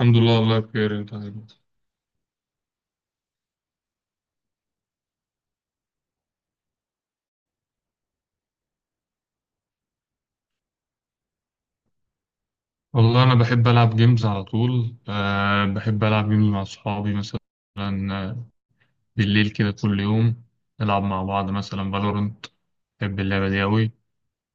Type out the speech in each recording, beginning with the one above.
الحمد لله، والله بخير. انت عامل ايه؟ والله انا بحب العب جيمز على طول. بحب العب جيمز مع اصحابي مثلا. آه، بالليل كده كل يوم نلعب مع بعض مثلا فالورنت. بحب اللعبه دي قوي.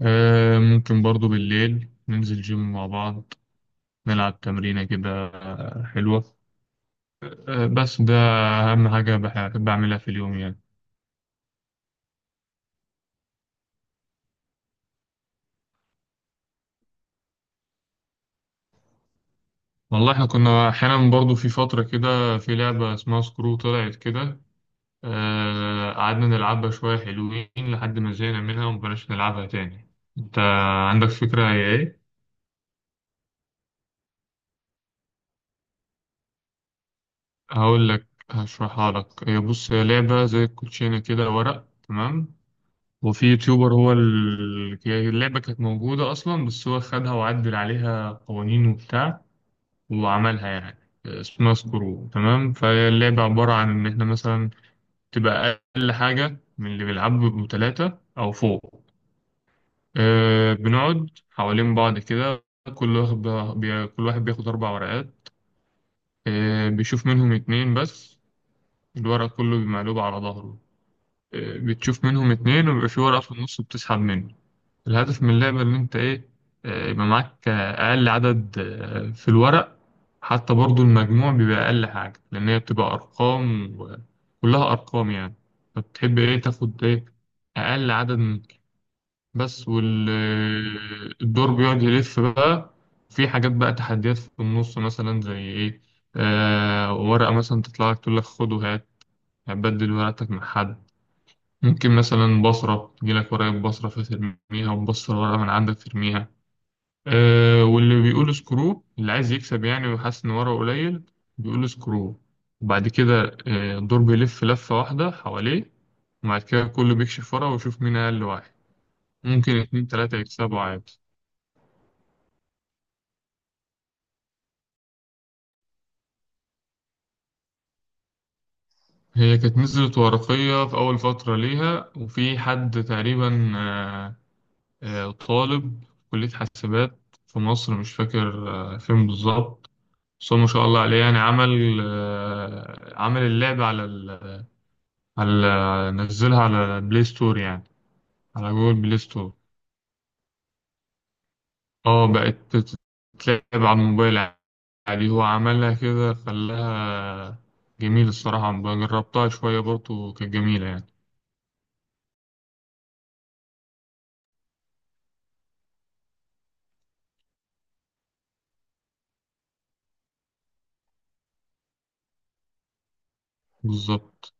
ممكن برضو بالليل ننزل جيم مع بعض، نلعب تمرينه كده حلوه. بس ده اهم حاجه بحب اعملها في اليوم يعني. والله احنا كنا احيانا برضو في فتره كده في لعبه اسمها سكرو طلعت كده. قعدنا نلعبها شوية، حلوين، لحد ما زهقنا منها ومبقناش نلعبها تاني. انت عندك فكرة هي ايه؟ هقول لك، هشرحها لك. هي، بص، هي لعبة زي الكوتشينة كده، ورق تمام. وفي يوتيوبر، هي اللعبة كانت موجودة أصلا، بس هو خدها وعدل عليها قوانين وبتاع وعملها يعني. اسمها سكرو تمام. فهي اللعبة عبارة عن إن إحنا مثلا تبقى أقل حاجة من اللي بيلعبوا بيبقوا تلاتة أو فوق. بنقعد حوالين بعض كده. كل واحد كل واحد بياخد أربع ورقات. بيشوف منهم اتنين بس. الورق كله بمقلوب على ظهره. بتشوف منهم اتنين ويبقى في ورقة في النص بتسحب منه. الهدف من اللعبة إن أنت إيه، يبقى معاك أقل عدد في الورق. حتى برضو المجموع بيبقى أقل حاجة، لأن هي بتبقى أرقام وكلها أرقام يعني. فتحب إيه، تاخد إيه، أقل عدد بس. والدور بيقعد يلف بقى. في حاجات بقى، تحديات في النص، مثلا زي ايه. ورقة مثلا تطلع لك تقول لك خد وهات، هتبدل ورقتك مع حد. ممكن مثلا بصرة تجيلك ورقة بصرة فترميها، وتبصر ورقة من عندك ترميها. واللي بيقول سكرو، اللي عايز يكسب يعني وحاسس إن ورقه قليل، بيقول سكرو. وبعد كده الدور بيلف لفة واحدة حواليه، وبعد كده كله بيكشف ورقة ويشوف مين أقل واحد. ممكن اتنين تلاتة يكسبوا عادي. هي كانت نزلت ورقية في أول فترة ليها، وفي حد تقريبا، طالب في كلية حاسبات في مصر، مش فاكر فين بالظبط. بس هو ما شاء الله عليه يعني، عمل اللعبة على ال على نزلها على بلاي ستور يعني، على جوجل بلاي ستور. اه بقت تتلعب على الموبايل عادي. هو عملها كده خلاها جميل الصراحة. جربتها شوية برضه كانت جميلة يعني. بالظبط.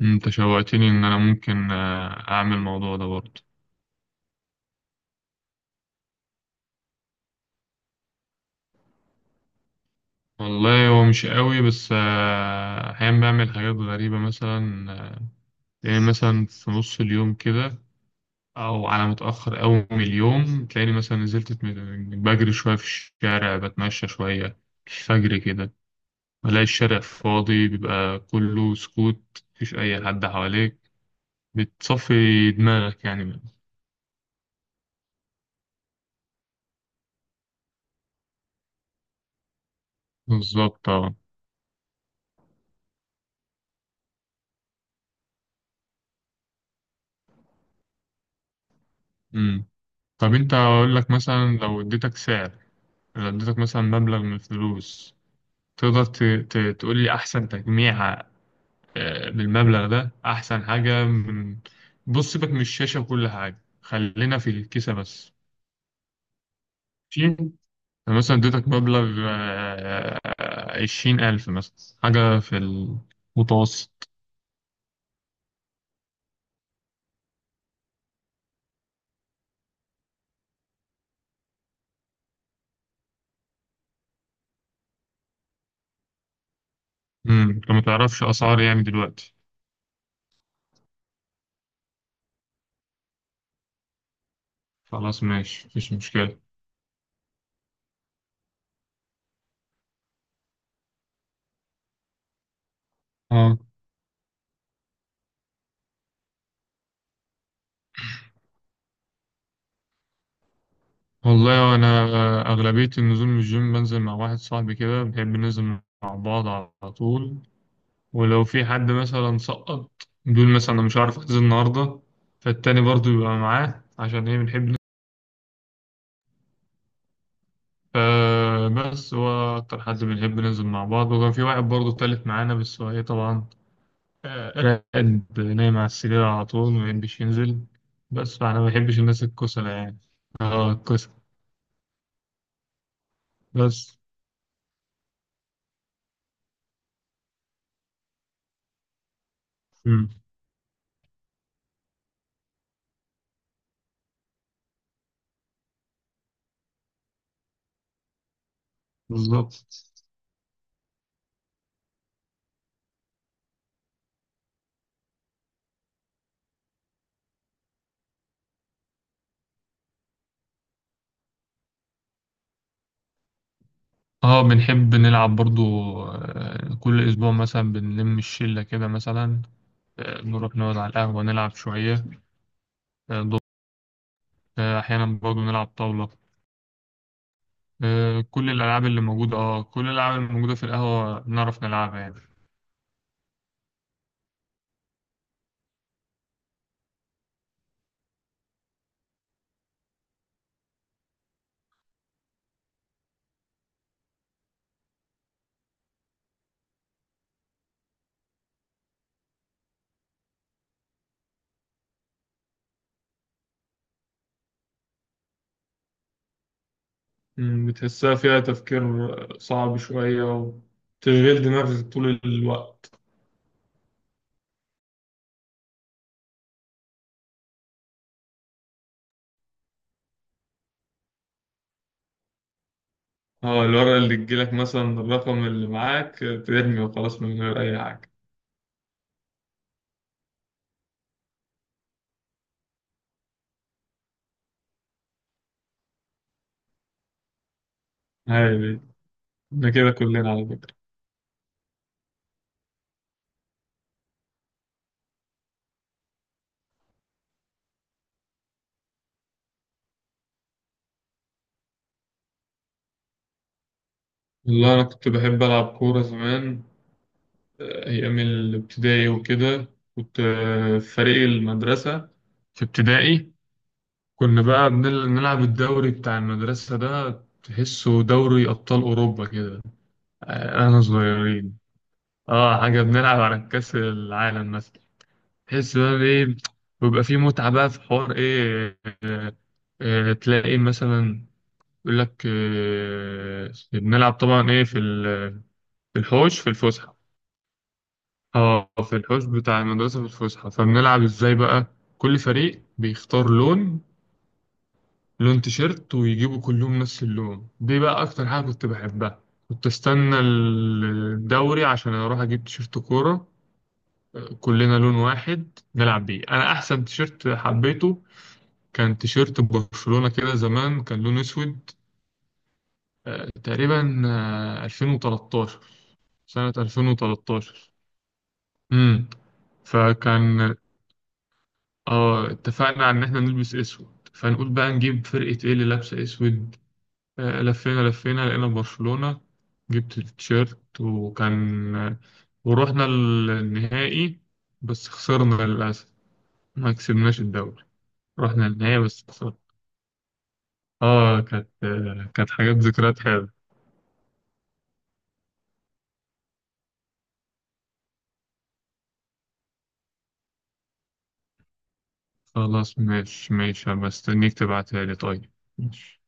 انت شوقتني ان انا ممكن اعمل الموضوع ده برضه. والله هو مش قوي، بس احيانا بعمل حاجات غريبة مثلا يعني مثلا في نص اليوم كده، او على متأخر قوي من اليوم، تلاقيني مثلا نزلت بجري شوية في الشارع، بتمشى شوية، الفجر كده. بلاقي الشارع فاضي، بيبقى كله سكوت، مفيش اي حد حواليك، بتصفي دماغك يعني. بالظبط، اه. مم. طب انت، اقول لك مثلا، لو اديتك سعر، لو اديتك مثلا مبلغ من الفلوس، تقدر تقول لي احسن تجميعة بالمبلغ ده؟ احسن حاجة من، بص، سيبك من الشاشة وكل حاجة، خلينا في الكيسة بس. ماشي. أنا مثلا اديتك مبلغ 20,000 مثلا، حاجة في المتوسط. انت ما تعرفش أسعار يعني دلوقتي؟ خلاص ماشي، مفيش مشكلة. اه، والله أنا أغلبية النزول من الجيم بنزل مع واحد صاحبي كده، بنحب ننزل مع بعض على طول. ولو في حد مثلا سقط، بيقول مثلا أنا مش عارف أحجز النهاردة، فالتاني برضو يبقى معاه، عشان إيه، بنحب ننزل. فبس هو أكتر حد بنحب ننزل مع بعض. وكان في واحد برضو تالت معانا، بس هو إيه طبعا آه، راقد نايم على السرير على طول، ما بيحبش ينزل. بس فأنا ما بحبش الناس الكسلة يعني. اه، الكسلة. بس. مم. بالظبط، اه. بنحب نلعب برضو. كل أسبوع مثلا بنلم الشلة كده مثلا، نروح نقعد على القهوة نلعب شوية. آه، أحيانا برضه نلعب طاولة. كل الألعاب اللي موجودة، في القهوة، نعرف نلعبها يعني. بتحسها فيها تفكير صعب شوية وتشغيل دماغك طول الوقت. اه، الورقة اللي تجيلك مثلا، الرقم اللي معاك ترمي وخلاص، من غير أي حاجة. هاي دي، احنا كده كلنا على فكرة. والله أنا كنت بحب ألعب كورة زمان، أيام الابتدائي وكده. كنت في فريق المدرسة في ابتدائي. كنا بقى بنلعب الدوري بتاع المدرسة ده، تحسه دوري أبطال أوروبا كده. أنا صغيرين. اه، حاجة، بنلعب على كأس العالم مثلا. تحس بقى بإيه، بيبقى فيه متعة بقى في حوار إيه. تلاقي مثلا يقول لك بنلعب طبعا إيه في في الحوش، في الفسحة. اه، في الحوش بتاع المدرسة في الفسحة، فبنلعب إزاي بقى. كل فريق بيختار لون تيشيرت، ويجيبوا كلهم نفس اللون. دي بقى اكتر حاجة كنت بحبها. كنت استنى الدوري عشان اروح اجيب تيشيرت كورة، كلنا لون واحد نلعب بيه. انا احسن تيشيرت حبيته كان تيشيرت برشلونة كده زمان، كان لون اسود تقريبا، 2013. سنة 2013. امم فكان اه اتفقنا على ان احنا نلبس اسود، فنقول بقى نجيب فرقة ايه اللي لابسة اسود. لفينا لقينا برشلونة، جبت التيشيرت. وكان ورحنا النهائي، بس خسرنا للأسف، ما كسبناش الدوري. رحنا النهائي بس خسرنا. اه، كانت حاجات، ذكريات حلوة. خلاص ماشي ماشي، هبقى استنيك تبعتها لي طيب. ماشي.